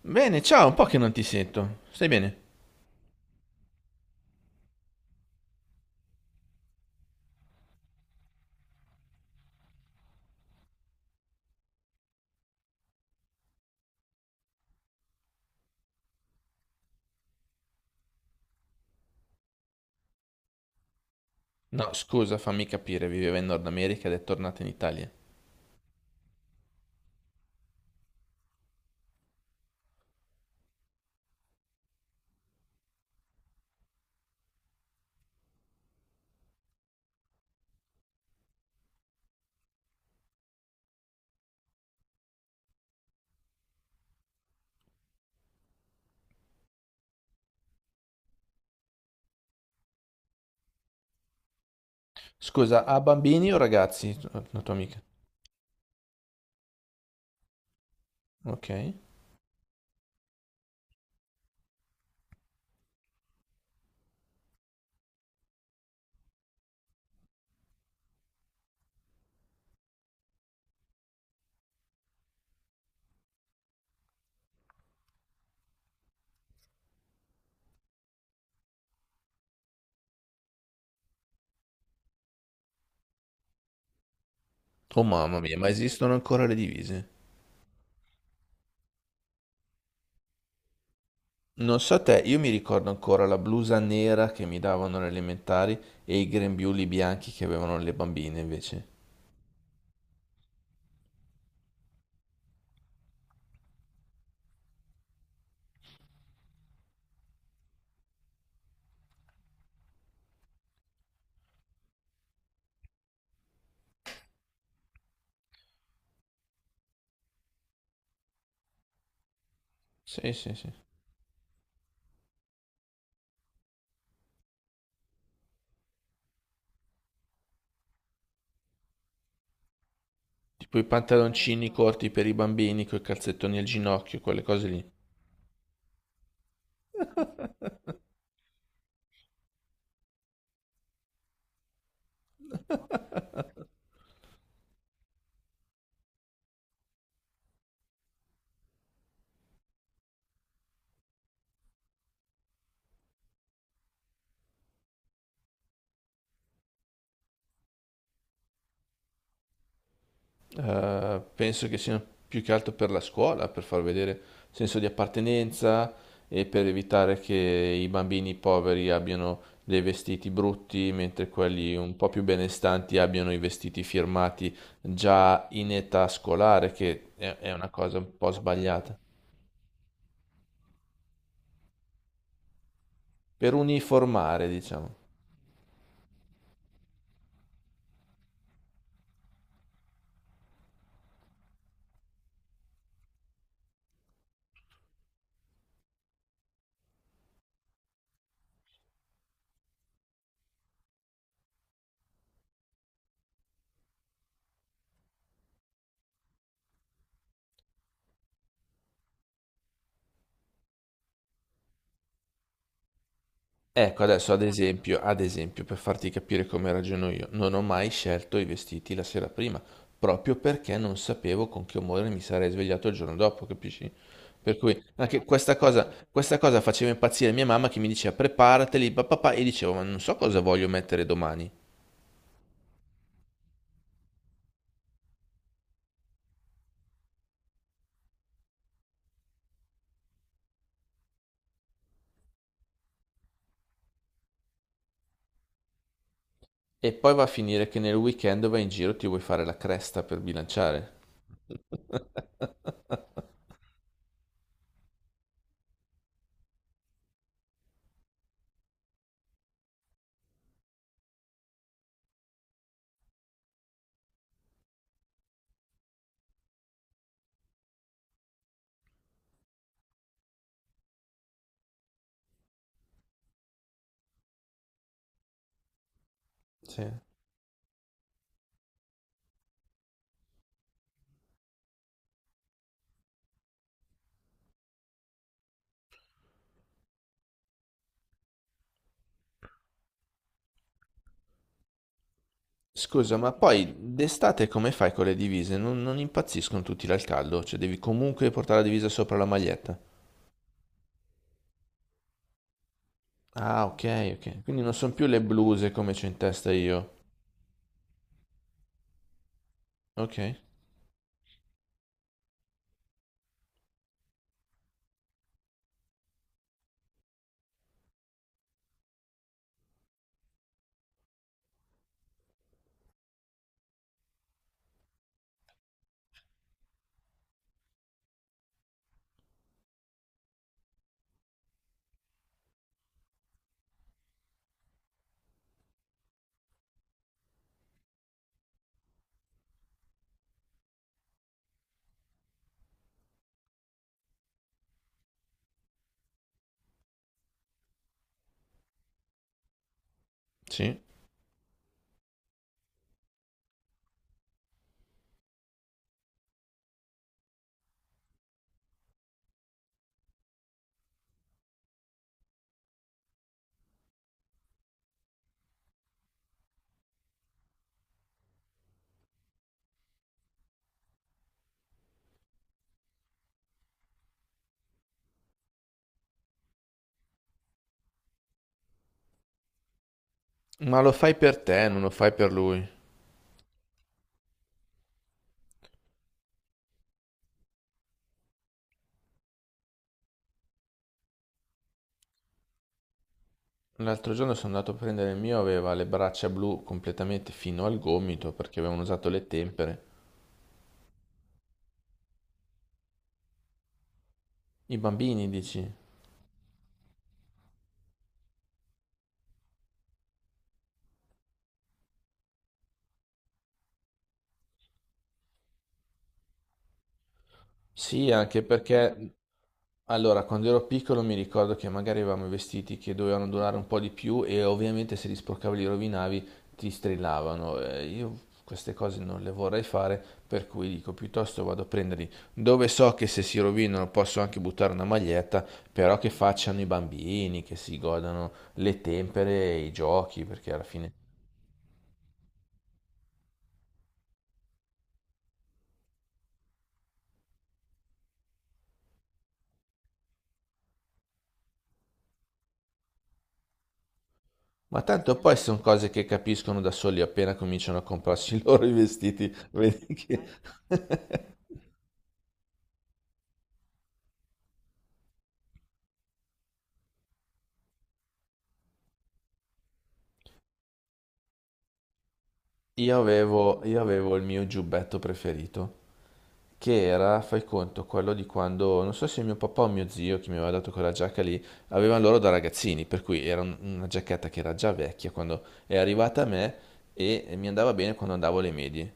Bene, ciao, un po' che non ti sento. Stai bene? No, scusa, fammi capire, viveva in Nord America ed è tornata in Italia. Scusa, ha bambini o ragazzi? La tua amica. Ok. Oh mamma mia, ma esistono ancora le divise? Non so te, io mi ricordo ancora la blusa nera che mi davano alle elementari e i grembiuli bianchi che avevano le bambine invece. Sì, sì, sì. Tipo i pantaloncini corti per i bambini, coi calzettoni al ginocchio, quelle cose lì. Penso che siano più che altro per la scuola, per far vedere senso di appartenenza e per evitare che i bambini poveri abbiano dei vestiti brutti, mentre quelli un po' più benestanti abbiano i vestiti firmati già in età scolare, che è una cosa un po' sbagliata. Per uniformare, diciamo. Ecco, adesso ad esempio, per farti capire come ragiono io, non ho mai scelto i vestiti la sera prima, proprio perché non sapevo con che umore mi sarei svegliato il giorno dopo, capisci? Per cui anche questa cosa faceva impazzire mia mamma che mi diceva preparateli, papà, e dicevo, ma non so cosa voglio mettere domani. E poi va a finire che nel weekend vai in giro, e ti vuoi fare la cresta per bilanciare. Sì. Scusa, ma poi d'estate come fai con le divise? Non impazziscono tutti dal caldo, cioè devi comunque portare la divisa sopra la maglietta. Ah, ok, ok. Quindi non sono più le bluse come c'ho in testa io. Ok, sì. Ma lo fai per te, non lo fai per lui. L'altro giorno sono andato a prendere il mio, aveva le braccia blu completamente fino al gomito perché avevano usato le tempere. I bambini, dici? Sì, anche perché allora, quando ero piccolo mi ricordo che magari avevamo i vestiti che dovevano durare un po' di più e ovviamente se li sporcavi, li rovinavi, ti strillavano. Io queste cose non le vorrei fare, per cui dico piuttosto vado a prenderli dove so che se si rovinano posso anche buttare una maglietta, però che facciano i bambini, che si godano le tempere, e i giochi, perché alla fine... Ma tanto poi sono cose che capiscono da soli appena cominciano a comprarsi i loro i vestiti, vedi che... Io avevo il mio giubbetto preferito, che era, fai conto, quello di quando, non so se mio papà o mio zio, che mi aveva dato quella giacca lì, avevano loro da ragazzini, per cui era una giacchetta che era già vecchia quando è arrivata a me e mi andava bene quando andavo alle medie.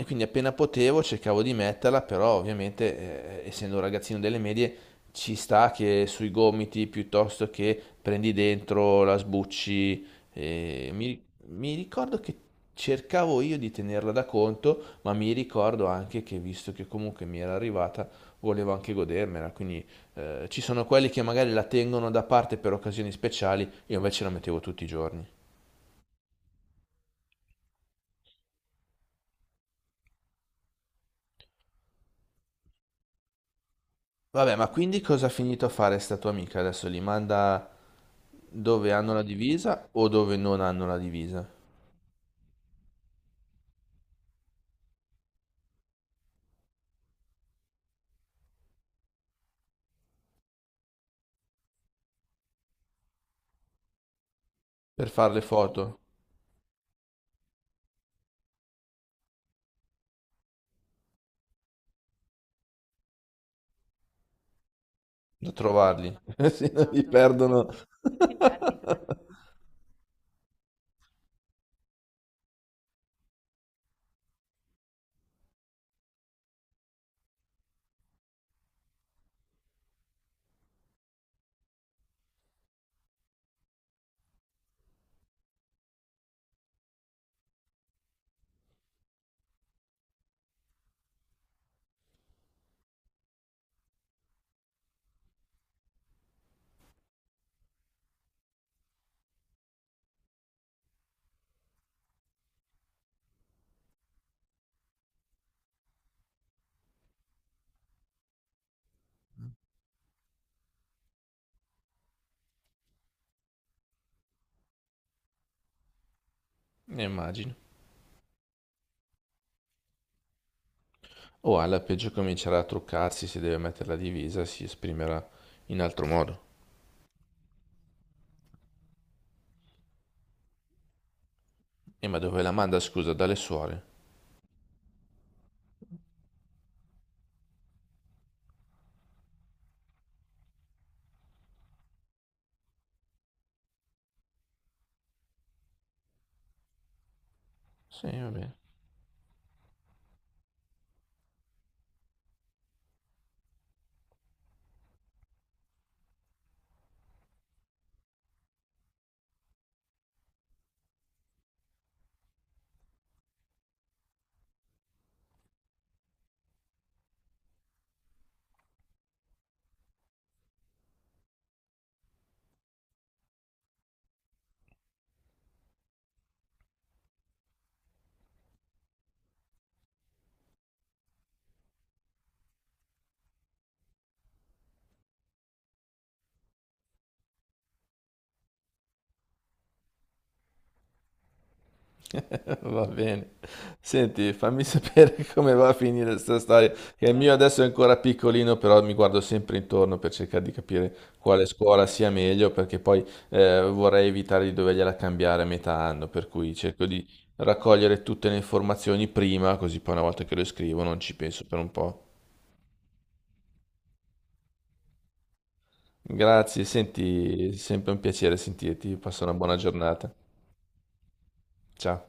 E quindi appena potevo cercavo di metterla, però ovviamente essendo un ragazzino delle medie ci sta che sui gomiti piuttosto che prendi dentro, la sbucci. eh, mi, Mi ricordo che cercavo io di tenerla da conto, ma mi ricordo anche che visto che comunque mi era arrivata, volevo anche godermela. Quindi ci sono quelli che magari la tengono da parte per occasioni speciali, io invece la mettevo tutti i giorni. Vabbè, ma quindi cosa ha finito a fare sta tua amica adesso? Li manda dove hanno la divisa o dove non hanno la divisa? Per fare le foto, da trovarli, se no li perdono. Ne immagino. O alla peggio comincerà a truccarsi, se deve mettere la divisa si esprimerà in altro modo. E ma dove la manda, scusa, dalle suore? Sì, va bene. Va bene. Senti, fammi sapere come va a finire questa storia, che il mio adesso è ancora piccolino, però mi guardo sempre intorno per cercare di capire quale scuola sia meglio, perché poi vorrei evitare di dovergliela cambiare a metà anno, per cui cerco di raccogliere tutte le informazioni prima, così poi una volta che lo scrivo non ci penso per un po'. Grazie, senti, è sempre un piacere sentirti, passa una buona giornata. Ciao.